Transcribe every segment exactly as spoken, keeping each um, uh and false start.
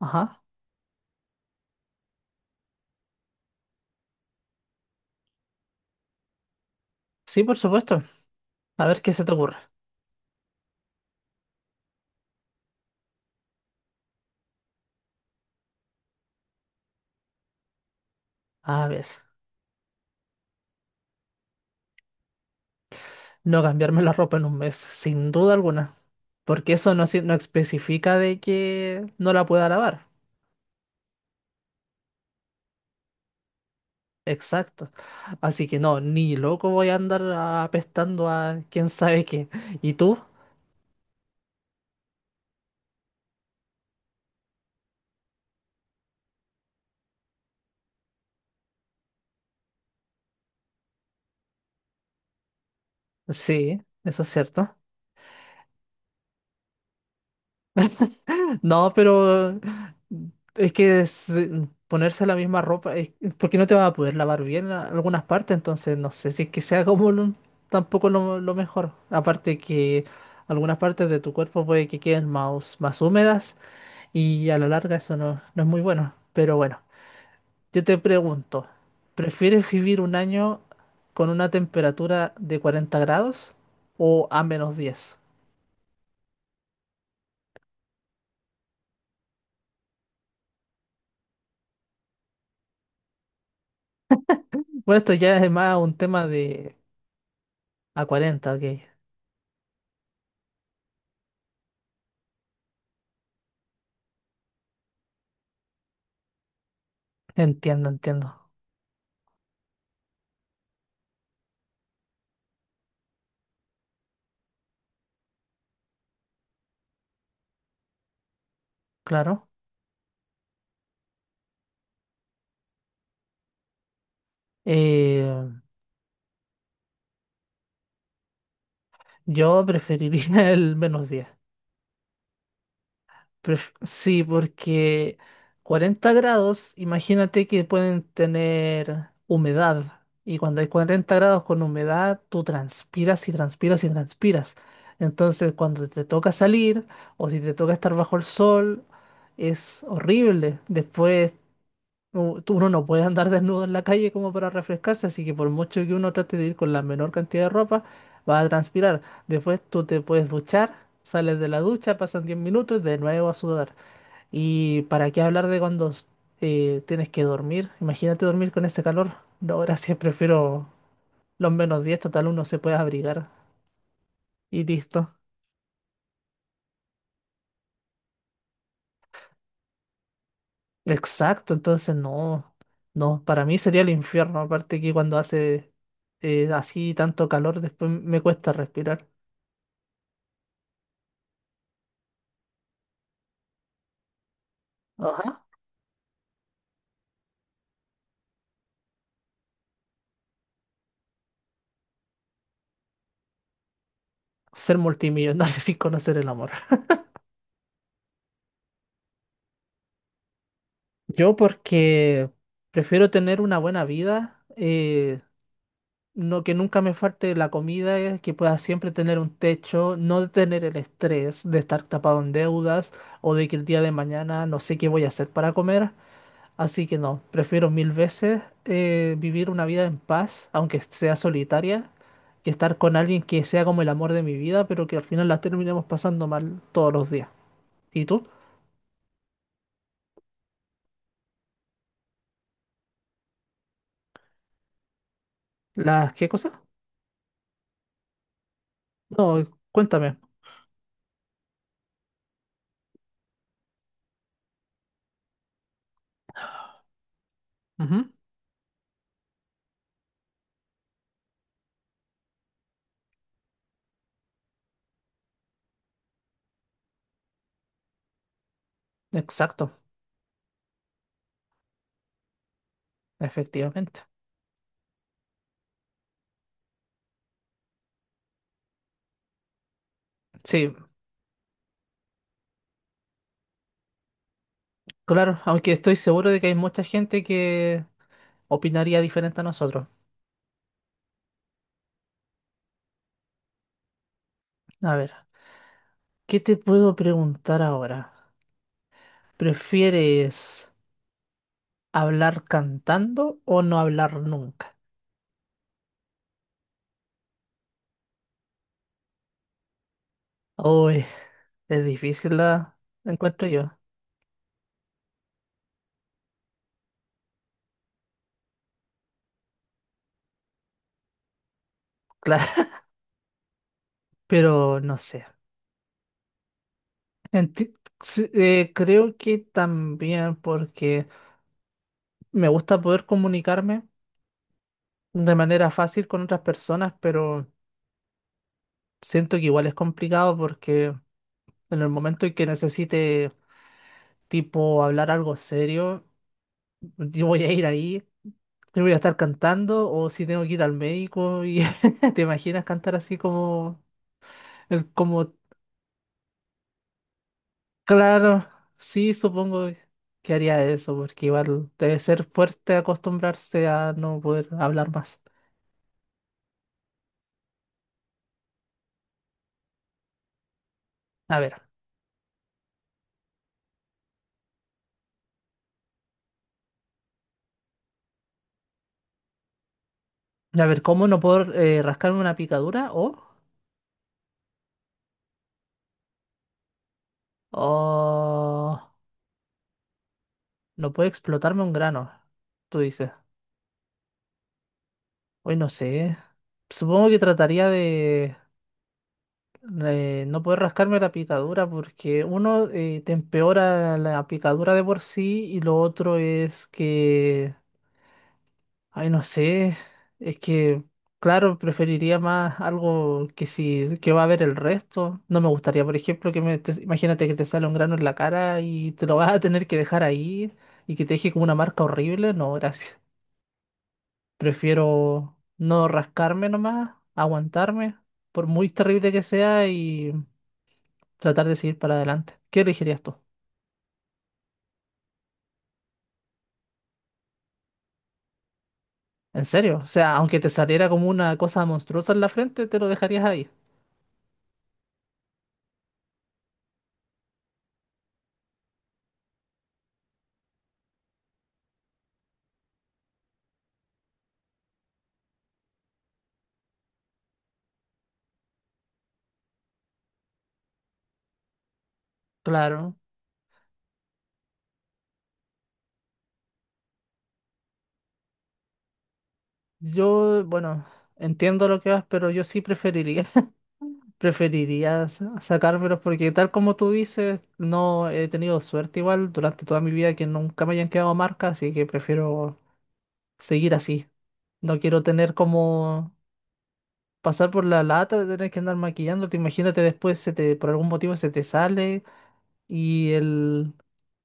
Ajá, sí, por supuesto. A ver qué se te ocurre. A ver, no cambiarme la ropa en un mes, sin duda alguna. Porque eso no, si- no especifica de que no la pueda lavar. Exacto. Así que no, ni loco voy a andar apestando a quién sabe qué. ¿Y tú? Sí, eso es cierto. No, pero es que es, eh, ponerse la misma ropa, es- porque no te vas a poder lavar bien a- algunas partes, entonces no sé si es que sea como lo- tampoco lo, lo mejor. Aparte que algunas partes de tu cuerpo puede que queden más, más húmedas y a la larga eso no, no es muy bueno. Pero bueno, yo te pregunto, ¿prefieres vivir un año con una temperatura de cuarenta grados o a menos diez? Bueno, esto ya es más un tema de a cuarenta, ok. Entiendo, entiendo. Claro. Eh, yo preferiría el menos diez. Pref- sí, porque cuarenta grados, imagínate que pueden tener humedad. Y cuando hay cuarenta grados con humedad, tú transpiras y transpiras y transpiras. Entonces, cuando te toca salir o si te toca estar bajo el sol, es horrible. Después u- tú- uno no puede andar desnudo en la calle como para refrescarse, así que por mucho que uno trate de ir con la menor cantidad de ropa, va a transpirar. Después tú te puedes duchar, sales de la ducha, pasan diez minutos y de nuevo a sudar. ¿Y para qué hablar de cuando eh, tienes que dormir? Imagínate dormir con este calor. No, gracias, prefiero los menos diez, total uno se puede abrigar y listo. Exacto, entonces no, no, para mí sería el infierno, aparte que cuando hace eh, así tanto calor, después me cuesta respirar. Ajá. Ser multimillonario sin conocer el amor. Yo porque prefiero tener una buena vida, eh, no que nunca me falte la comida, eh, que pueda siempre tener un techo, no tener el estrés de estar tapado en deudas o de que el día de mañana no sé qué voy a hacer para comer. Así que no, prefiero mil veces eh, vivir una vida en paz, aunque sea solitaria, que estar con alguien que sea como el amor de mi vida, pero que al final la terminemos pasando mal todos los días. ¿Y tú? ¿Las qué cosas? No, cuéntame. Ujú. Exacto, efectivamente. Sí, claro, aunque estoy seguro de que hay mucha gente que opinaría diferente a nosotros. A ver, ¿qué te puedo preguntar ahora? ¿Prefieres hablar cantando o no hablar nunca? Uy, es difícil la encuentro yo. Claro, pero no sé. Enti- sí, eh, creo que también porque me gusta poder comunicarme de manera fácil con otras personas, pero Siento que igual es complicado porque en el momento en que necesite, tipo, hablar algo serio, yo voy a ir ahí, yo voy a estar cantando o si tengo que ir al médico y te imaginas cantar así como, el, como, claro, sí, supongo que haría eso porque igual debe ser fuerte acostumbrarse a no poder hablar más. A ver, a ver, ¿cómo no puedo eh, rascarme una picadura o, o no puede explotarme un grano? Tú dices. Hoy no sé. Supongo que trataría de, eh, no poder rascarme la picadura porque uno eh, te empeora la picadura de por sí y lo otro es que, ay, no sé, es que, claro, preferiría más algo que si que va a ver el resto. No me gustaría, por ejemplo, que me, te- imagínate que te sale un grano en la cara y te lo vas a tener que dejar ahí y que te deje como una marca horrible. No, gracias. Prefiero no rascarme nomás, aguantarme, por muy terrible que sea, y tratar de seguir para adelante. ¿Qué elegirías tú? ¿En serio? O sea, aunque te saliera como una cosa monstruosa en la frente, te lo dejarías ahí. Claro. Yo, bueno, entiendo lo que vas, pero yo sí preferiría. Preferiría sa- sacármelos porque tal como tú dices, no he tenido suerte igual durante toda mi vida que nunca me hayan quedado marcas, así que prefiero seguir así. No quiero tener como pasar por la lata de tener que andar maquillándote. Imagínate después se te, por algún motivo se te sale y el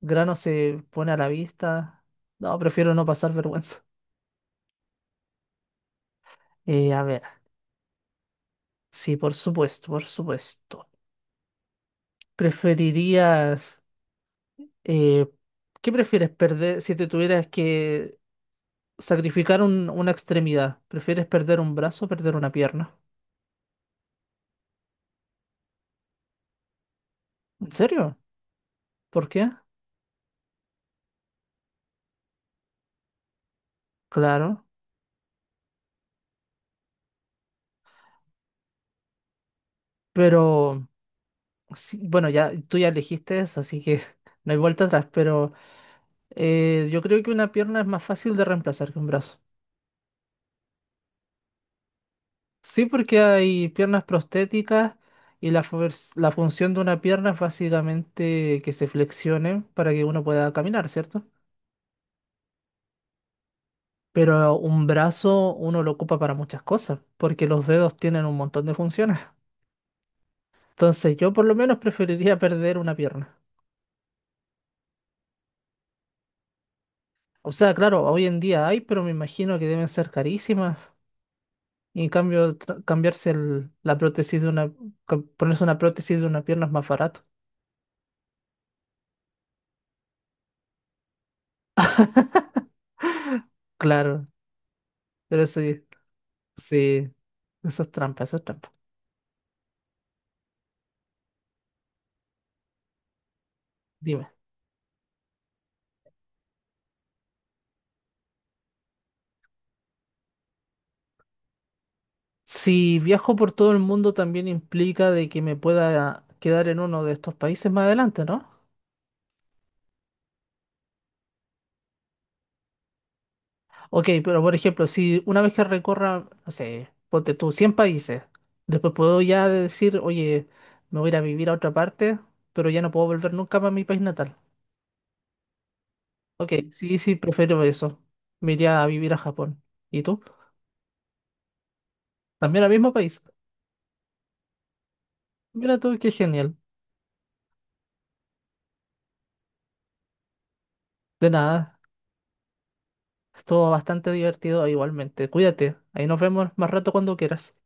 grano se pone a la vista. No, prefiero no pasar vergüenza. Eh, a ver, sí, por supuesto, por supuesto. ¿Preferirías, eh, qué prefieres perder si te tuvieras que sacrificar un- una extremidad? ¿Prefieres perder un brazo o perder una pierna? ¿En serio? ¿Por qué? Claro, pero... Sí, bueno, ya tú ya elegiste eso, así que no hay vuelta atrás, pero eh, yo creo que una pierna es más fácil de reemplazar que un brazo. Sí, porque hay piernas prostéticas y la, fuer- la función de una pierna es básicamente que se flexione para que uno pueda caminar, ¿cierto? Pero un brazo uno lo ocupa para muchas cosas, porque los dedos tienen un montón de funciones. Entonces yo por lo menos preferiría perder una pierna. O sea, claro, hoy en día hay, pero me imagino que deben ser carísimas. Y en cambio, tra- cambiarse el- la prótesis de una, cam- ponerse una prótesis de una pierna es más barato. Claro, pero sí, sí, eso es trampa, eso es trampa. Dime. Si viajo por todo el mundo también implica de que me pueda quedar en uno de estos países más adelante, ¿no? Ok, pero por ejemplo, si una vez que recorra, no sé, ponte tú, cien países, después puedo ya decir, oye, me voy a ir a vivir a otra parte, pero ya no puedo volver nunca para mi país natal. Ok, sí, sí, prefiero eso. Me iría a vivir a Japón. ¿Y tú? También al mismo país. Mira tú, qué genial. De nada, estuvo bastante divertido igualmente. Cuídate, ahí nos vemos más rato cuando quieras.